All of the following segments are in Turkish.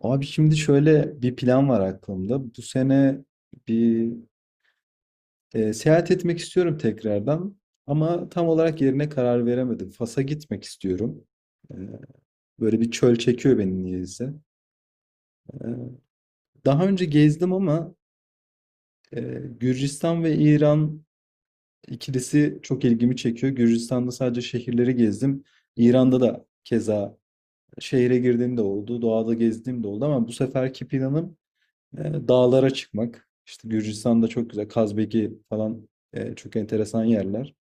Abi şimdi şöyle bir plan var aklımda. Bu sene bir seyahat etmek istiyorum tekrardan. Ama tam olarak yerine karar veremedim. Fas'a gitmek istiyorum. E, böyle bir çöl çekiyor beni niyeyse. E, daha önce gezdim ama e, Gürcistan ve İran ikilisi çok ilgimi çekiyor. Gürcistan'da sadece şehirleri gezdim. İran'da da keza şehre girdiğim de oldu, doğada gezdiğim de oldu ama bu seferki planım dağlara çıkmak. İşte Gürcistan'da çok güzel. Kazbeki falan çok enteresan yerler.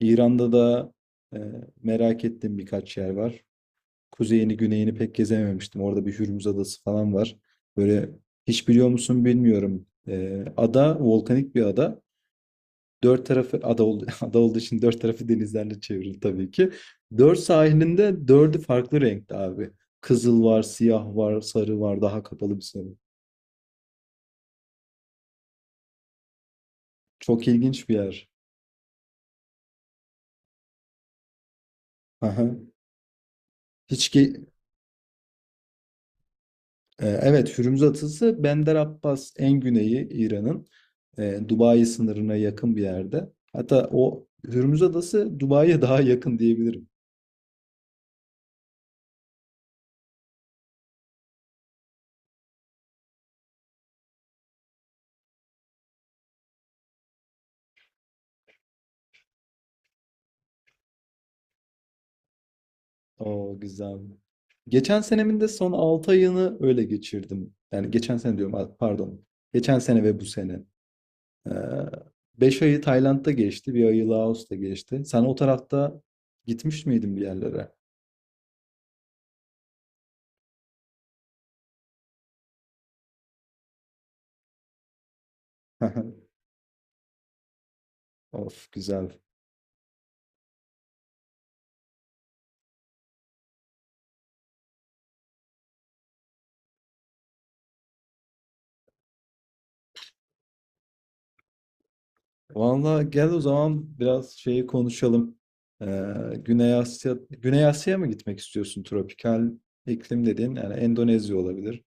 İran'da da e, merak ettiğim birkaç yer var. Kuzeyini, güneyini pek gezememiştim. Orada bir Hürmüz Adası falan var. Böyle, hiç biliyor musun bilmiyorum. Ada volkanik bir ada. Dört tarafı ada, oldu, ada olduğu için dört tarafı denizlerle çevrili tabii ki. Dört sahilinde dördü farklı renkte abi. Kızıl var, siyah var, sarı var, daha kapalı bir sarı. Çok ilginç bir yer. Aha. Hiç ki evet, Hürmüz Adası Bender Abbas en güneyi İran'ın, Dubai sınırına yakın bir yerde. Hatta o Hürmüz Adası Dubai'ye daha yakın diyebilirim. Oo, güzel. Geçen senemin de son 6 ayını öyle geçirdim. Yani geçen sene diyorum, pardon. Geçen sene ve bu sene. Ee, 5 ayı Tayland'da geçti. Bir ayı Laos'ta geçti. Sen o tarafta gitmiş miydin bir yerlere? Of, güzel. Valla gel o zaman biraz şeyi konuşalım. Ee, Güney Asya, Güney Asya'ya mı gitmek istiyorsun? Tropikal iklim dediğin yani Endonezya olabilir.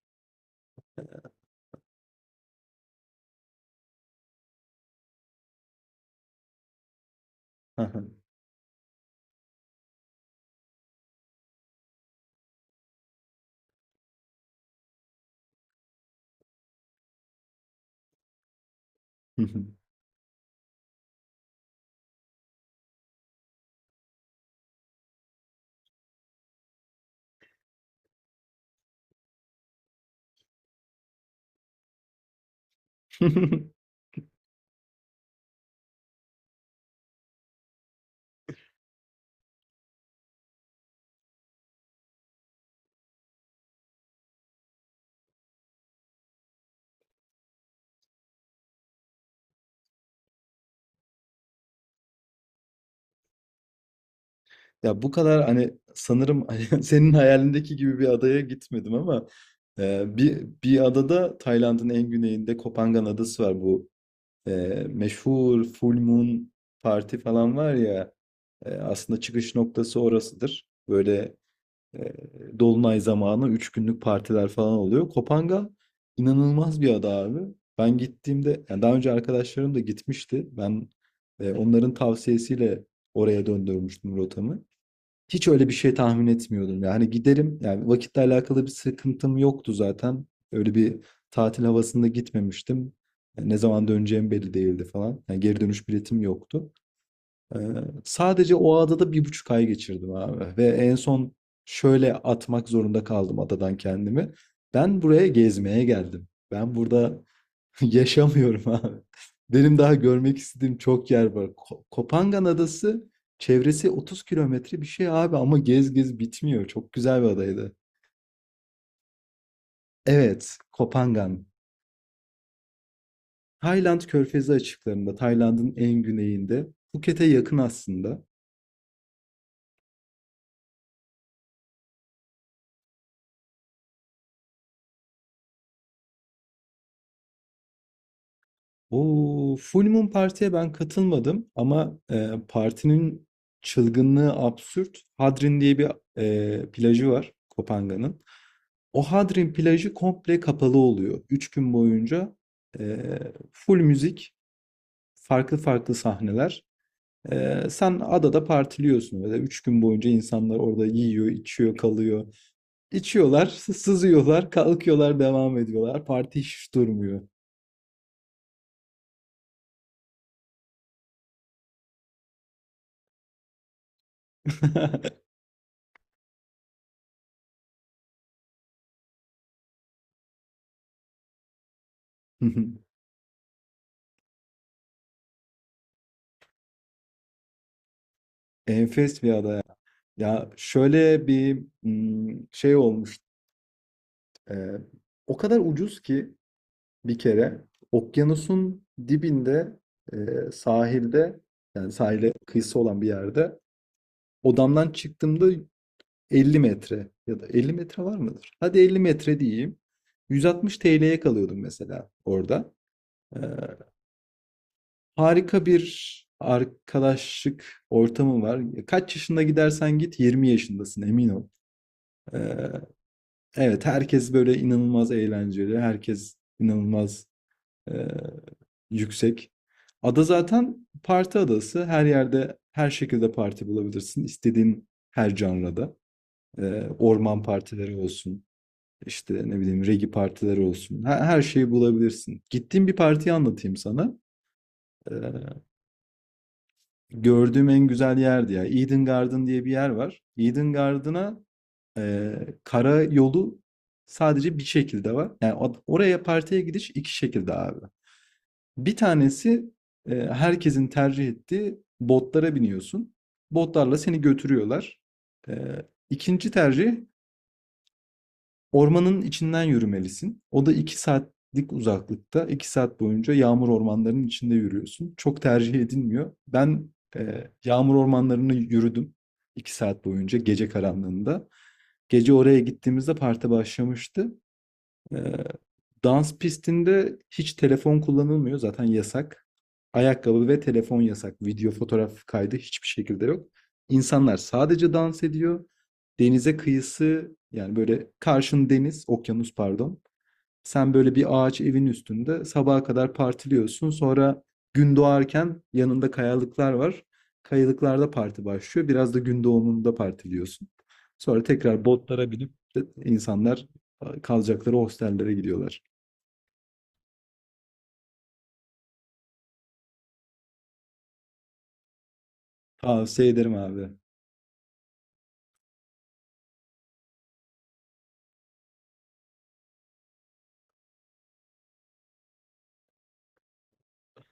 Ya bu kadar hani, sanırım hani senin hayalindeki gibi bir adaya gitmedim ama bir adada, Tayland'ın en güneyinde Kopangan Adası var. Bu e, meşhur Full Moon Parti falan var ya, aslında çıkış noktası orasıdır. E, Dolunay zamanı 3 günlük partiler falan oluyor. Kopanga inanılmaz bir ada abi. Ben gittiğimde, yani daha önce arkadaşlarım da gitmişti. Ben onların tavsiyesiyle oraya döndürmüştüm rotamı. Hiç öyle bir şey tahmin etmiyordum. Yani giderim. Yani vakitle alakalı bir sıkıntım yoktu zaten. Öyle bir tatil havasında gitmemiştim. Yani ne zaman döneceğim belli değildi falan. Yani geri dönüş biletim yoktu. Ee, sadece o adada 1,5 ay geçirdim abi. Ve en son şöyle atmak zorunda kaldım adadan kendimi. Ben buraya gezmeye geldim. Ben burada yaşamıyorum abi. Benim daha görmek istediğim çok yer var. Kopangan Adası çevresi 30 kilometre bir şey abi, ama gez gez bitmiyor. Çok güzel bir adaydı. Evet, Kopangan. Tayland Körfezi açıklarında, Tayland'ın en güneyinde. Phuket'e yakın aslında. O Full Moon Parti'ye ben katılmadım, ama partinin çılgınlığı absürt. Hadrin diye bir plajı var Kopangan'ın. O Hadrin plajı komple kapalı oluyor. 3 gün boyunca e, full müzik, farklı farklı sahneler. Sen adada partiliyorsun böyle. 3 gün boyunca insanlar orada yiyor, içiyor, kalıyor. İçiyorlar, sızıyorlar, kalkıyorlar, devam ediyorlar. Parti hiç durmuyor. Enfes bir ada. Ya şöyle bir şey olmuş. e, o kadar ucuz ki, bir kere okyanusun dibinde, sahilde, yani sahile kıyısı olan bir yerde odamdan çıktığımda 50 metre, ya da 50 metre var mıdır? Hadi 50 metre diyeyim. 160 TL'ye kalıyordum mesela orada. E, harika bir arkadaşlık ortamı var. Kaç yaşında gidersen git, 20 yaşındasın, emin ol. Evet, herkes böyle inanılmaz eğlenceli, herkes inanılmaz eee, yüksek. Ada zaten parti adası. Her yerde, her şekilde parti bulabilirsin. İstediğin her janrada. Orman partileri olsun, işte ne bileyim regi partileri olsun. Her şeyi bulabilirsin. Gittiğim bir partiyi anlatayım sana. Eee, gördüğüm en güzel yerdi ya. Eden Garden diye bir yer var. Eden Garden'a. Ee, kara yolu sadece bir şekilde var. Yani oraya partiye gidiş 2 şekilde abi. Bir tanesi, herkesin tercih ettiği, botlara biniyorsun. Botlarla seni götürüyorlar. İkinci tercih, ormanın içinden yürümelisin. O da 2 saatlik uzaklıkta. 2 saat boyunca yağmur ormanlarının içinde yürüyorsun. Çok tercih edilmiyor. Ben yağmur ormanlarını yürüdüm. 2 saat boyunca, gece karanlığında. Gece oraya gittiğimizde parti başlamıştı. Ee, dans pistinde hiç telefon kullanılmıyor. Zaten yasak. Ayakkabı ve telefon yasak. Video, fotoğraf kaydı hiçbir şekilde yok. İnsanlar sadece dans ediyor. Denize kıyısı, yani böyle karşın deniz, okyanus pardon. Sen böyle bir ağaç evin üstünde sabaha kadar partiliyorsun. Sonra gün doğarken yanında kayalıklar var. Kayalıklarda parti başlıyor. Biraz da gün doğumunda partiliyorsun. Sonra tekrar botlara binip de insanlar kalacakları hostellere gidiyorlar. Tavsiye ederim abi.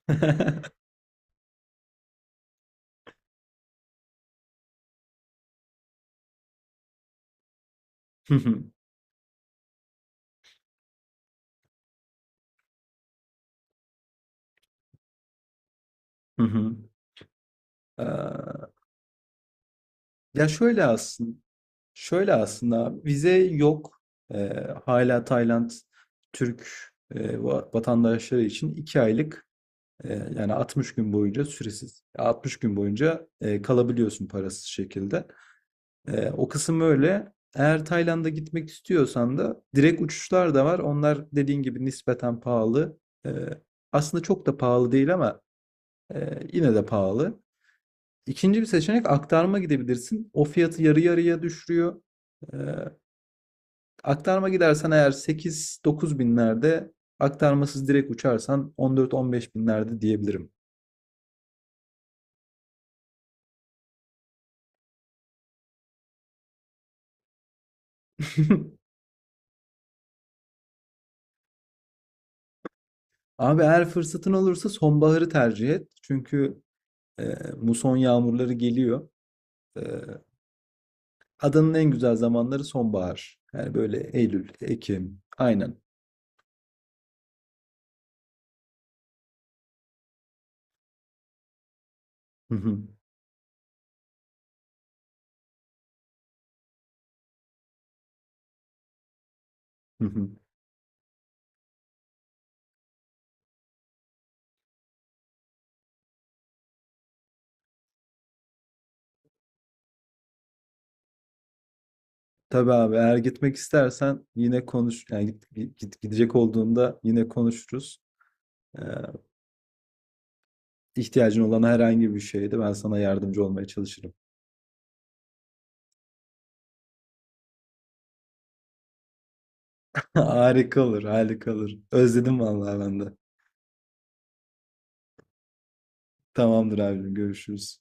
Hı hı, hı hı. Ee, Ya şöyle aslında abi, vize yok. Hala Tayland Türk vatandaşları için 2 aylık, E, yani 60 gün boyunca süresiz. 60 gün boyunca kalabiliyorsun parasız şekilde. O kısım öyle. Eğer Tayland'a gitmek istiyorsan da direkt uçuşlar da var. Onlar dediğin gibi nispeten pahalı. E, aslında çok da pahalı değil ama yine de pahalı. İkinci bir seçenek, aktarma gidebilirsin. O fiyatı yarı yarıya düşürüyor. E, aktarma gidersen eğer 8-9 binlerde, aktarmasız direkt uçarsan 14-15 binlerde diyebilirim. Abi eğer fırsatın olursa sonbaharı tercih et. Çünkü e, muson yağmurları geliyor. E, adanın en güzel zamanları sonbahar. Yani böyle Eylül, Ekim. Aynen. Hı hı, hı hı. Tabii abi, eğer gitmek istersen yine konuş. Yani gidecek olduğunda yine konuşuruz. E, ihtiyacın olan herhangi bir şeyde ben sana yardımcı olmaya çalışırım. Harika olur, harika olur. Özledim vallahi ben de. Tamamdır abicim, görüşürüz.